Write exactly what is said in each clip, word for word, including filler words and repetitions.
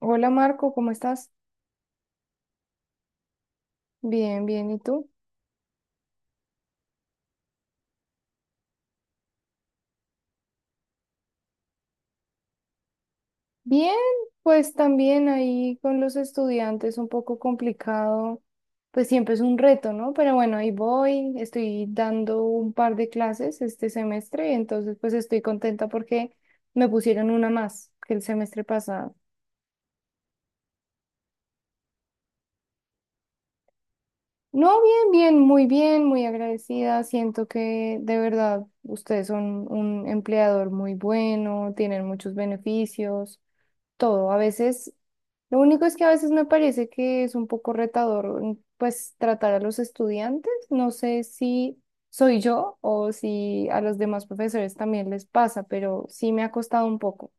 Hola Marco, ¿cómo estás? Bien, bien, ¿y tú? Bien, pues también ahí con los estudiantes un poco complicado, pues siempre es un reto, ¿no? Pero bueno, ahí voy, estoy dando un par de clases este semestre, entonces pues estoy contenta porque me pusieron una más que el semestre pasado. No, bien, bien, muy bien, muy agradecida. Siento que de verdad ustedes son un empleador muy bueno, tienen muchos beneficios. Todo. A veces, lo único es que a veces me parece que es un poco retador, mm, pues, tratar a los estudiantes. No sé si soy yo o si a los demás profesores también les pasa, pero sí me ha costado un poco.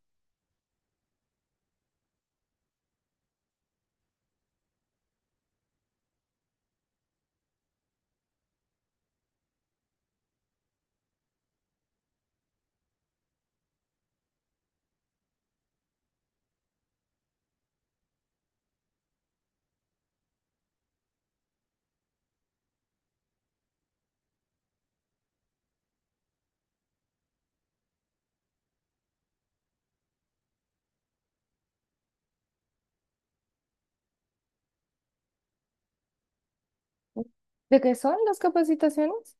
¿De qué son las capacitaciones?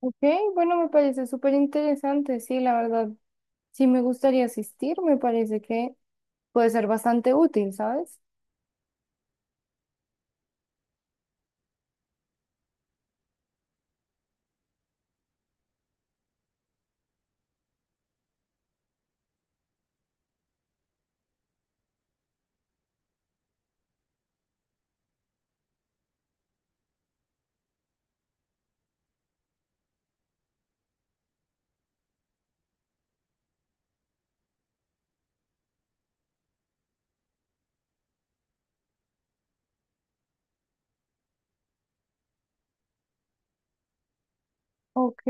Ok, bueno, me parece súper interesante. Sí, la verdad, sí me gustaría asistir. Me parece que puede ser bastante útil, ¿sabes? Ok,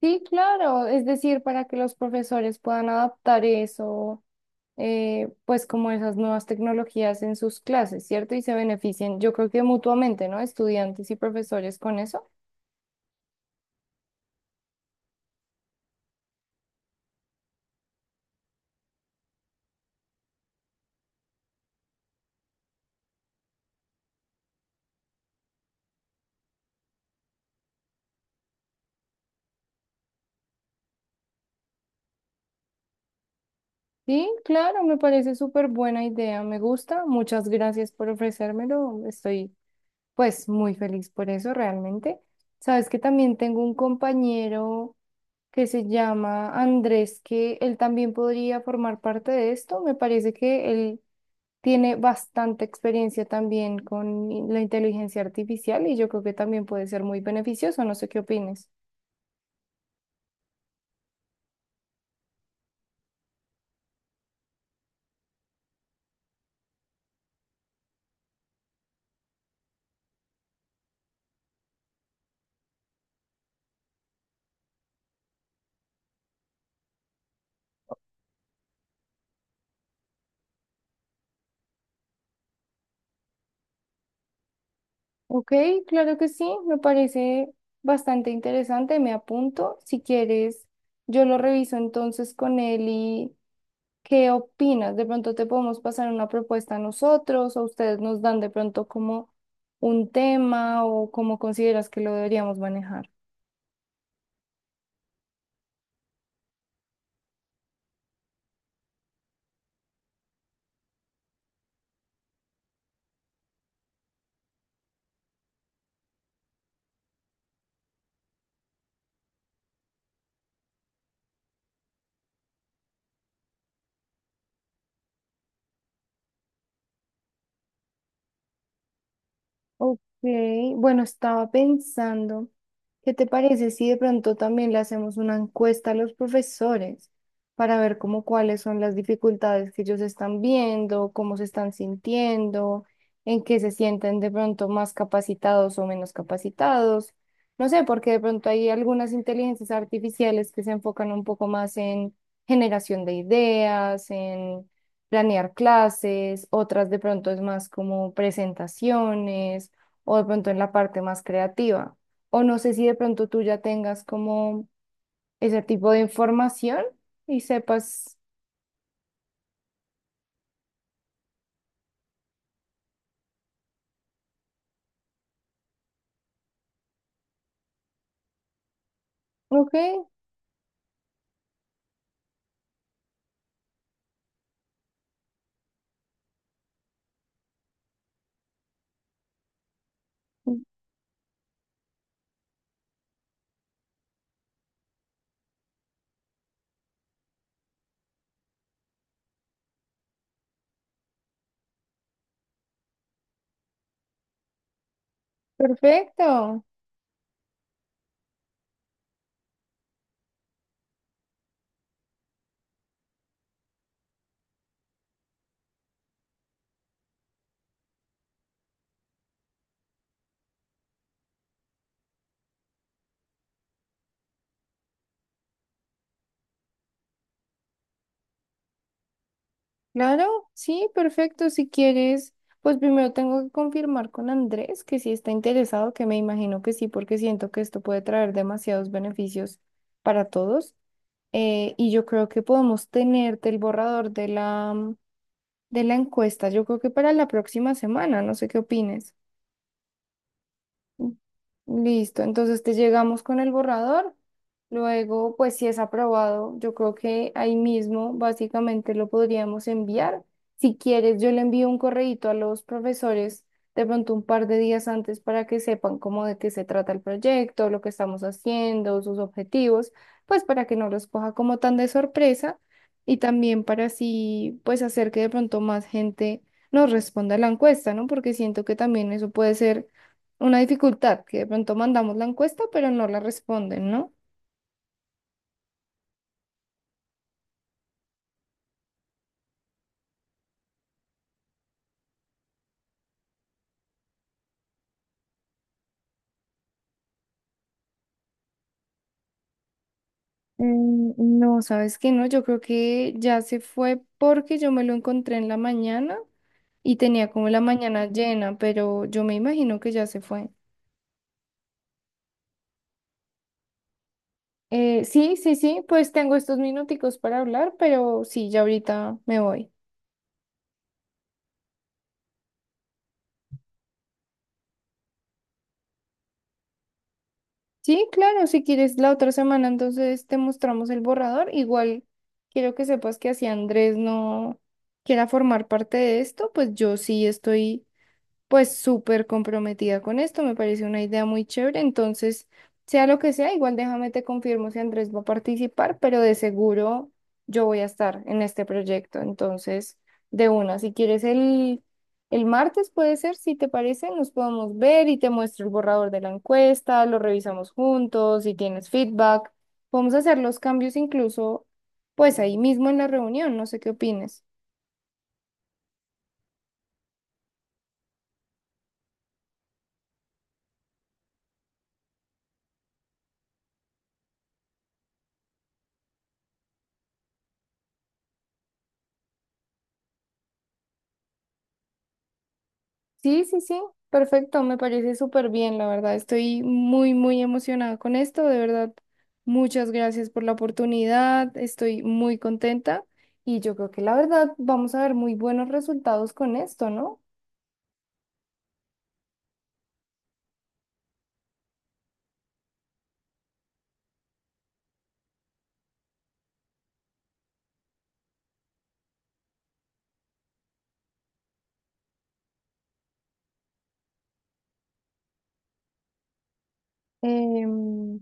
sí, claro, es decir, para que los profesores puedan adaptar eso eh, pues como esas nuevas tecnologías en sus clases, ¿cierto? Y se beneficien, yo creo que mutuamente, ¿no? Estudiantes y profesores con eso. Sí, claro, me parece súper buena idea, me gusta. Muchas gracias por ofrecérmelo. Estoy pues muy feliz por eso, realmente. Sabes que también tengo un compañero que se llama Andrés, que él también podría formar parte de esto. Me parece que él tiene bastante experiencia también con i- la inteligencia artificial y yo creo que también puede ser muy beneficioso. No sé qué opines. Ok, claro que sí, me parece bastante interesante. Me apunto. Si quieres, yo lo reviso entonces con él y... ¿Qué opinas? De pronto te podemos pasar una propuesta a nosotros o ustedes nos dan de pronto como un tema o cómo consideras que lo deberíamos manejar. Ok, bueno, estaba pensando, ¿qué te parece si de pronto también le hacemos una encuesta a los profesores para ver cómo cuáles son las dificultades que ellos están viendo, cómo se están sintiendo, en qué se sienten de pronto más capacitados o menos capacitados? No sé, porque de pronto hay algunas inteligencias artificiales que se enfocan un poco más en generación de ideas, en planear clases, otras de pronto es más como presentaciones o de pronto en la parte más creativa. O no sé si de pronto tú ya tengas como ese tipo de información y sepas, ok, perfecto, claro, sí, perfecto, si quieres, pues primero tengo que confirmar con Andrés que sí está interesado, que me imagino que sí, porque siento que esto puede traer demasiados beneficios para todos. Eh, y yo creo que podemos tenerte el borrador de la, de la encuesta, yo creo que para la próxima semana, no sé qué opines. Listo, entonces te llegamos con el borrador. Luego, pues si es aprobado, yo creo que ahí mismo básicamente lo podríamos enviar. Si quieres, yo le envío un correíto a los profesores de pronto un par de días antes para que sepan cómo de qué se trata el proyecto, lo que estamos haciendo, sus objetivos, pues para que no los coja como tan de sorpresa y también para así, pues hacer que de pronto más gente nos responda a la encuesta, ¿no? Porque siento que también eso puede ser una dificultad, que de pronto mandamos la encuesta, pero no la responden, ¿no? Mm, no, sabes que no, yo creo que ya se fue porque yo me lo encontré en la mañana y tenía como la mañana llena, pero yo me imagino que ya se fue. Eh, sí, sí, sí, pues tengo estos minuticos para hablar, pero sí, ya ahorita me voy. Sí, claro, si quieres la otra semana, entonces te mostramos el borrador. Igual quiero que sepas que así Andrés no quiera formar parte de esto, pues yo sí estoy pues súper comprometida con esto, me parece una idea muy chévere, entonces, sea lo que sea, igual déjame te confirmo si Andrés va a participar, pero de seguro yo voy a estar en este proyecto, entonces, de una, si quieres el, el martes puede ser, si te parece, nos podemos ver y te muestro el borrador de la encuesta, lo revisamos juntos, si tienes feedback, podemos hacer los cambios incluso, pues ahí mismo en la reunión, no sé qué opines. Sí, sí, sí, perfecto, me parece súper bien, la verdad. Estoy muy, muy emocionada con esto, de verdad. Muchas gracias por la oportunidad, estoy muy contenta y yo creo que la verdad vamos a ver muy buenos resultados con esto, ¿no? Em,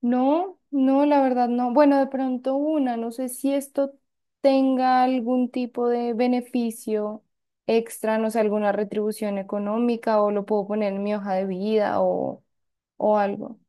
no, no, la verdad no. Bueno, de pronto una, no sé si esto tenga algún tipo de beneficio extra, no sé, alguna retribución económica o lo puedo poner en mi hoja de vida o, o algo.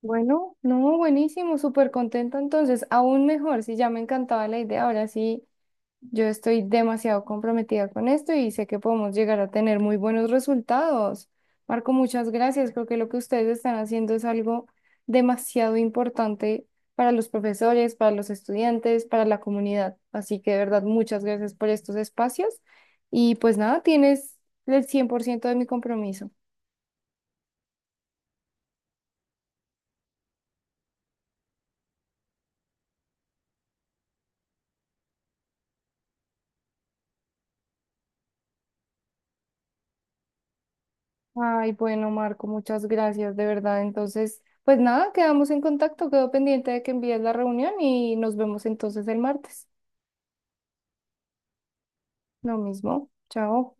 Bueno, no, buenísimo, súper contenta entonces, aún mejor, si ya me encantaba la idea, ahora sí, yo estoy demasiado comprometida con esto y sé que podemos llegar a tener muy buenos resultados. Marco, muchas gracias, creo que lo que ustedes están haciendo es algo demasiado importante para los profesores, para los estudiantes, para la comunidad, así que de verdad, muchas gracias por estos espacios y pues nada, tienes el cien por ciento de mi compromiso. Ay, bueno, Marco, muchas gracias, de verdad. Entonces, pues nada, quedamos en contacto. Quedo pendiente de que envíes la reunión y nos vemos entonces el martes. Lo mismo. Chao.